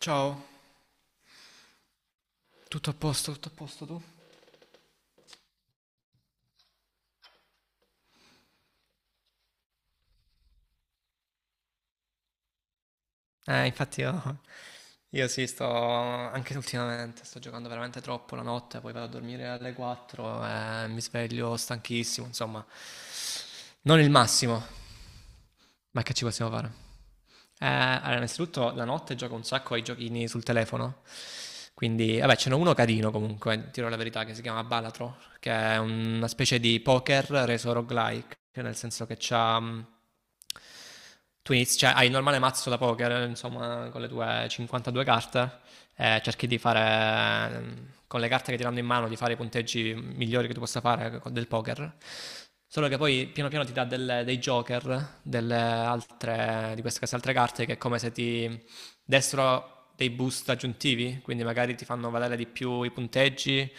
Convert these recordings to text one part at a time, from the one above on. Ciao, tutto a posto tu? Infatti io sì, sto anche ultimamente, sto giocando veramente troppo la notte, poi vado a dormire alle 4 e mi sveglio stanchissimo, insomma, non il massimo. Ma che ci possiamo fare? Allora, innanzitutto la notte gioco un sacco ai giochini sul telefono. Quindi, vabbè, ce n'è uno carino comunque, tiro la verità, che si chiama Balatro, che è una specie di poker reso roguelike, nel senso che tu inizi, cioè, hai il normale mazzo da poker, insomma, con le tue 52 carte, e cerchi di fare, con le carte che ti danno in mano, di fare i punteggi migliori che tu possa fare del poker. Solo che poi piano piano ti dà dei joker, delle altre, di queste altre carte che è come se ti dessero dei boost aggiuntivi, quindi magari ti fanno valere di più i punteggi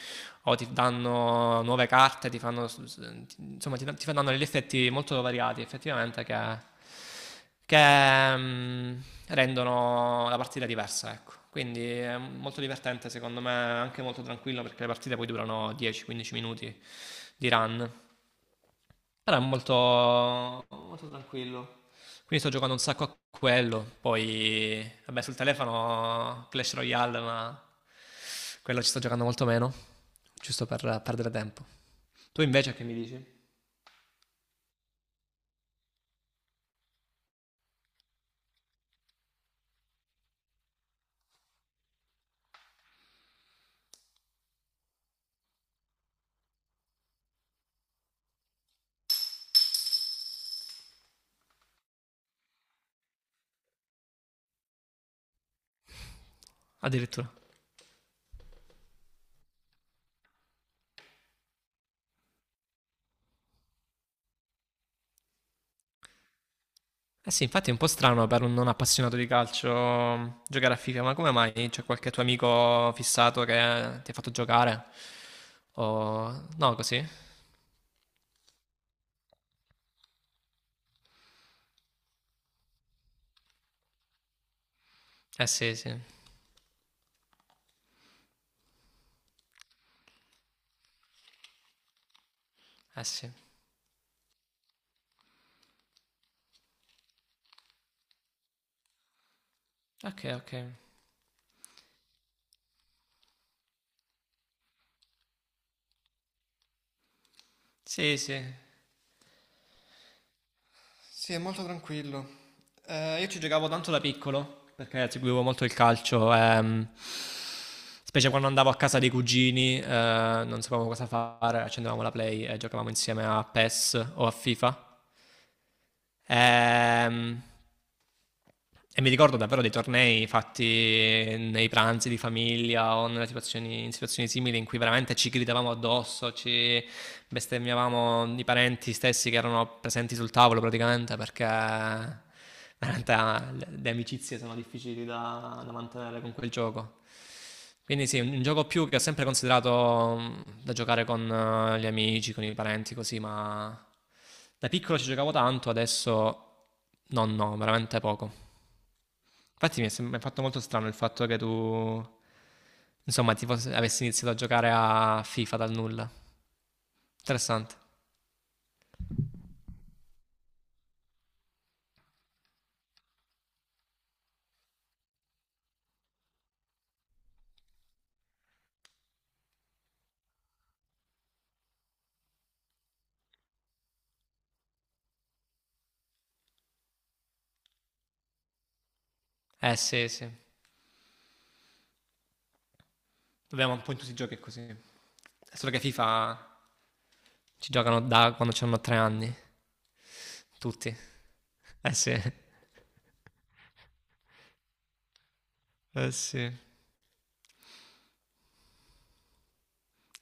o ti danno nuove carte, ti fanno, s- s- ti- insomma, ti fanno degli effetti molto variati, effettivamente, che rendono la partita diversa, ecco. Quindi è molto divertente, secondo me, anche molto tranquillo perché le partite poi durano 10-15 minuti di run. Però è molto, molto tranquillo. Quindi sto giocando un sacco a quello. Poi, vabbè, sul telefono Clash Royale, ma quello ci sto giocando molto meno, giusto per perdere tempo. Tu invece che mi dici? Addirittura. Eh sì, infatti è un po' strano per un non appassionato di calcio giocare a FIFA, ma come mai c'è qualche tuo amico fissato che ti ha fatto giocare? O no, così? Eh sì, sì. Eh sì. Ok, ok. Sì, sì. Sì, è molto tranquillo. Io ci giocavo tanto da piccolo perché seguivo molto il calcio, specie quando andavo a casa dei cugini, non sapevamo cosa fare, accendevamo la Play e giocavamo insieme a PES o a FIFA. Ehm, e mi ricordo davvero dei tornei fatti nei pranzi di famiglia o nelle situazioni, in situazioni simili in cui veramente ci gridavamo addosso, ci bestemmiavamo i parenti stessi che erano presenti sul tavolo praticamente perché veramente le amicizie sono difficili da mantenere con quel gioco. Quindi sì, un gioco più che ho sempre considerato da giocare con gli amici, con i parenti, così, ma da piccolo ci giocavo tanto, adesso no, no, veramente poco. Infatti mi è fatto molto strano il fatto che tu, insomma, avessi iniziato a giocare a FIFA dal nulla. Interessante. Eh sì, sì. Dobbiamo un po' in tutti i giochi è così. È solo che FIFA ci giocano da quando hanno 3 anni, tutti. Eh sì, eh sì.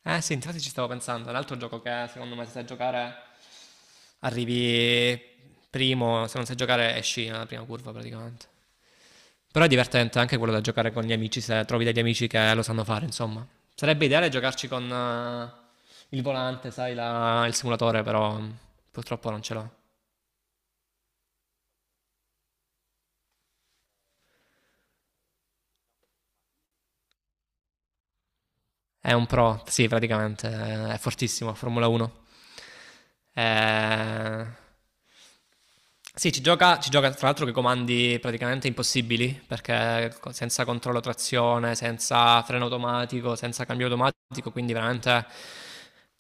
Eh sì, infatti ci stavo pensando. Un altro gioco che secondo me se sai giocare arrivi primo, se non sai giocare esci nella prima curva praticamente. Però è divertente anche quello da giocare con gli amici, se trovi degli amici che lo sanno fare, insomma. Sarebbe ideale giocarci con il volante, sai, il simulatore, però purtroppo non ce l'ho. È un pro, sì, praticamente, è fortissimo, Formula 1. Eh, sì, ci gioca tra l'altro che comandi praticamente impossibili, perché senza controllo trazione, senza freno automatico, senza cambio automatico, quindi veramente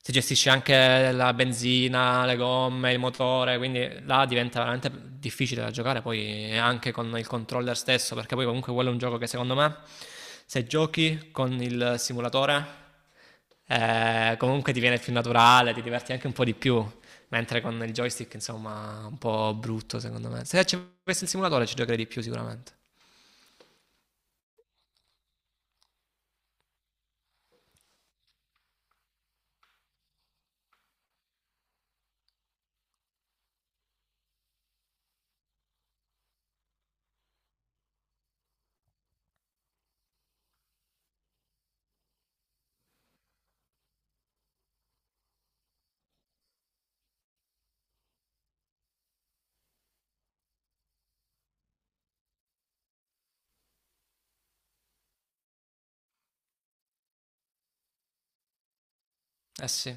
si gestisce anche la benzina, le gomme, il motore, quindi là diventa veramente difficile da giocare poi anche con il controller stesso, perché poi comunque quello è un gioco che secondo me se giochi con il simulatore comunque ti viene più naturale, ti diverti anche un po' di più. Mentre con il joystick, insomma, un po' brutto secondo me. Se ci avessi il simulatore ci giocherei di più sicuramente. Eh sì,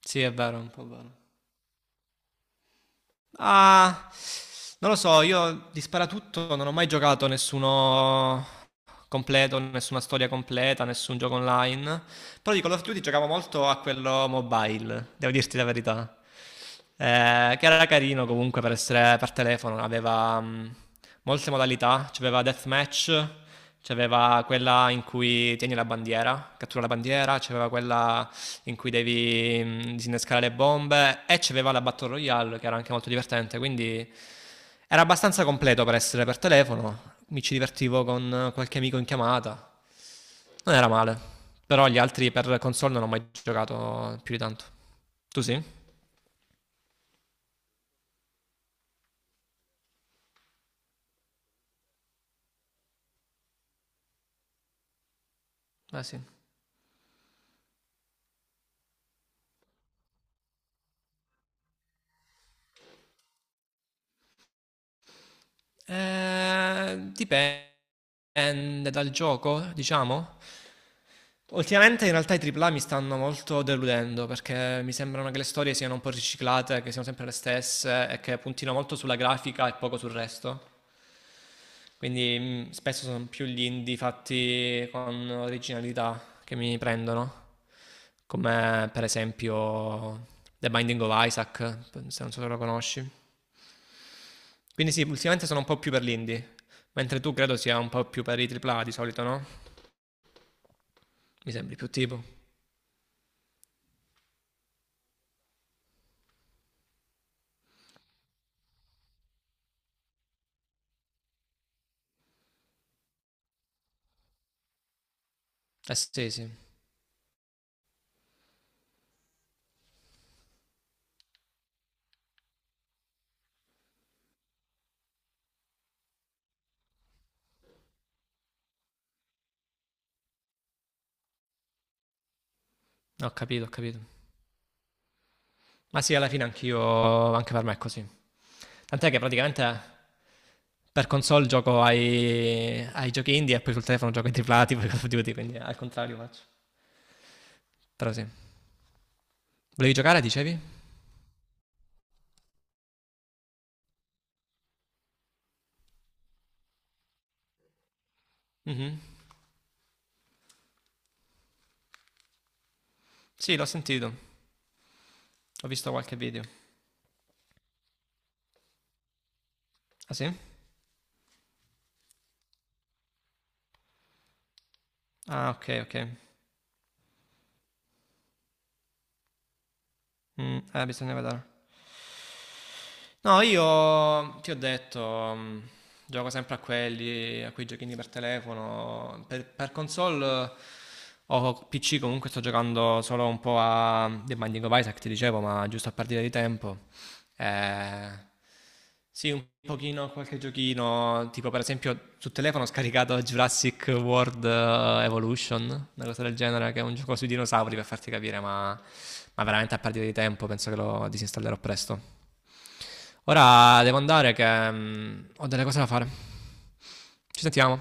sì è vero, è un po' vero. Ah, non lo so, io di Sparatutto non ho mai giocato nessuno completo, nessuna storia completa, nessun gioco online. Però di Call of Duty giocavo molto a quello mobile, devo dirti la verità. Che era carino comunque per essere per telefono, aveva molte modalità, c'aveva Deathmatch, c'aveva quella in cui tieni la bandiera, cattura la bandiera, c'aveva quella in cui devi disinnescare le bombe e c'aveva la Battle Royale che era anche molto divertente, quindi era abbastanza completo per essere per telefono, mi ci divertivo con qualche amico in chiamata, non era male, però gli altri per console non ho mai giocato più di tanto. Tu sì? Eh sì. Dipende dal gioco, diciamo. Ultimamente in realtà i AAA mi stanno molto deludendo perché mi sembrano che le storie siano un po' riciclate, che siano sempre le stesse e che puntino molto sulla grafica e poco sul resto. Quindi spesso sono più gli indie fatti con originalità che mi prendono, come per esempio The Binding of Isaac, se non so se lo conosci. Quindi sì, ultimamente sono un po' più per l'indie, mentre tu credo sia un po' più per i AAA di solito, no? Mi sembri più tipo. Eh sì, sì, no, ho capito, ho capito. Ma sì, alla fine anch'io, anche per me è così. Tant'è che praticamente per console gioco ai giochi indie e poi sul telefono gioco ai AAA, tipo Call of Duty, quindi al contrario faccio. Però sì. Volevi giocare, dicevi? Mhm. Sì, l'ho sentito. Ho visto qualche video. Ah sì? Ah, ok, ok. Bisogna vedere. No, io ti ho detto, mm, gioco sempre a quelli, a quei giochini per telefono. Per console o PC comunque sto giocando solo un po' a The Binding of Isaac, ti dicevo, ma giusto a partire di tempo. Eh, sì, un pochino a qualche giochino, tipo per esempio sul telefono ho scaricato Jurassic World Evolution, una cosa del genere, che è un gioco sui dinosauri per farti capire, ma veramente a partire di tempo penso che lo disinstallerò presto. Ora devo andare che ho delle cose da fare. Ci sentiamo.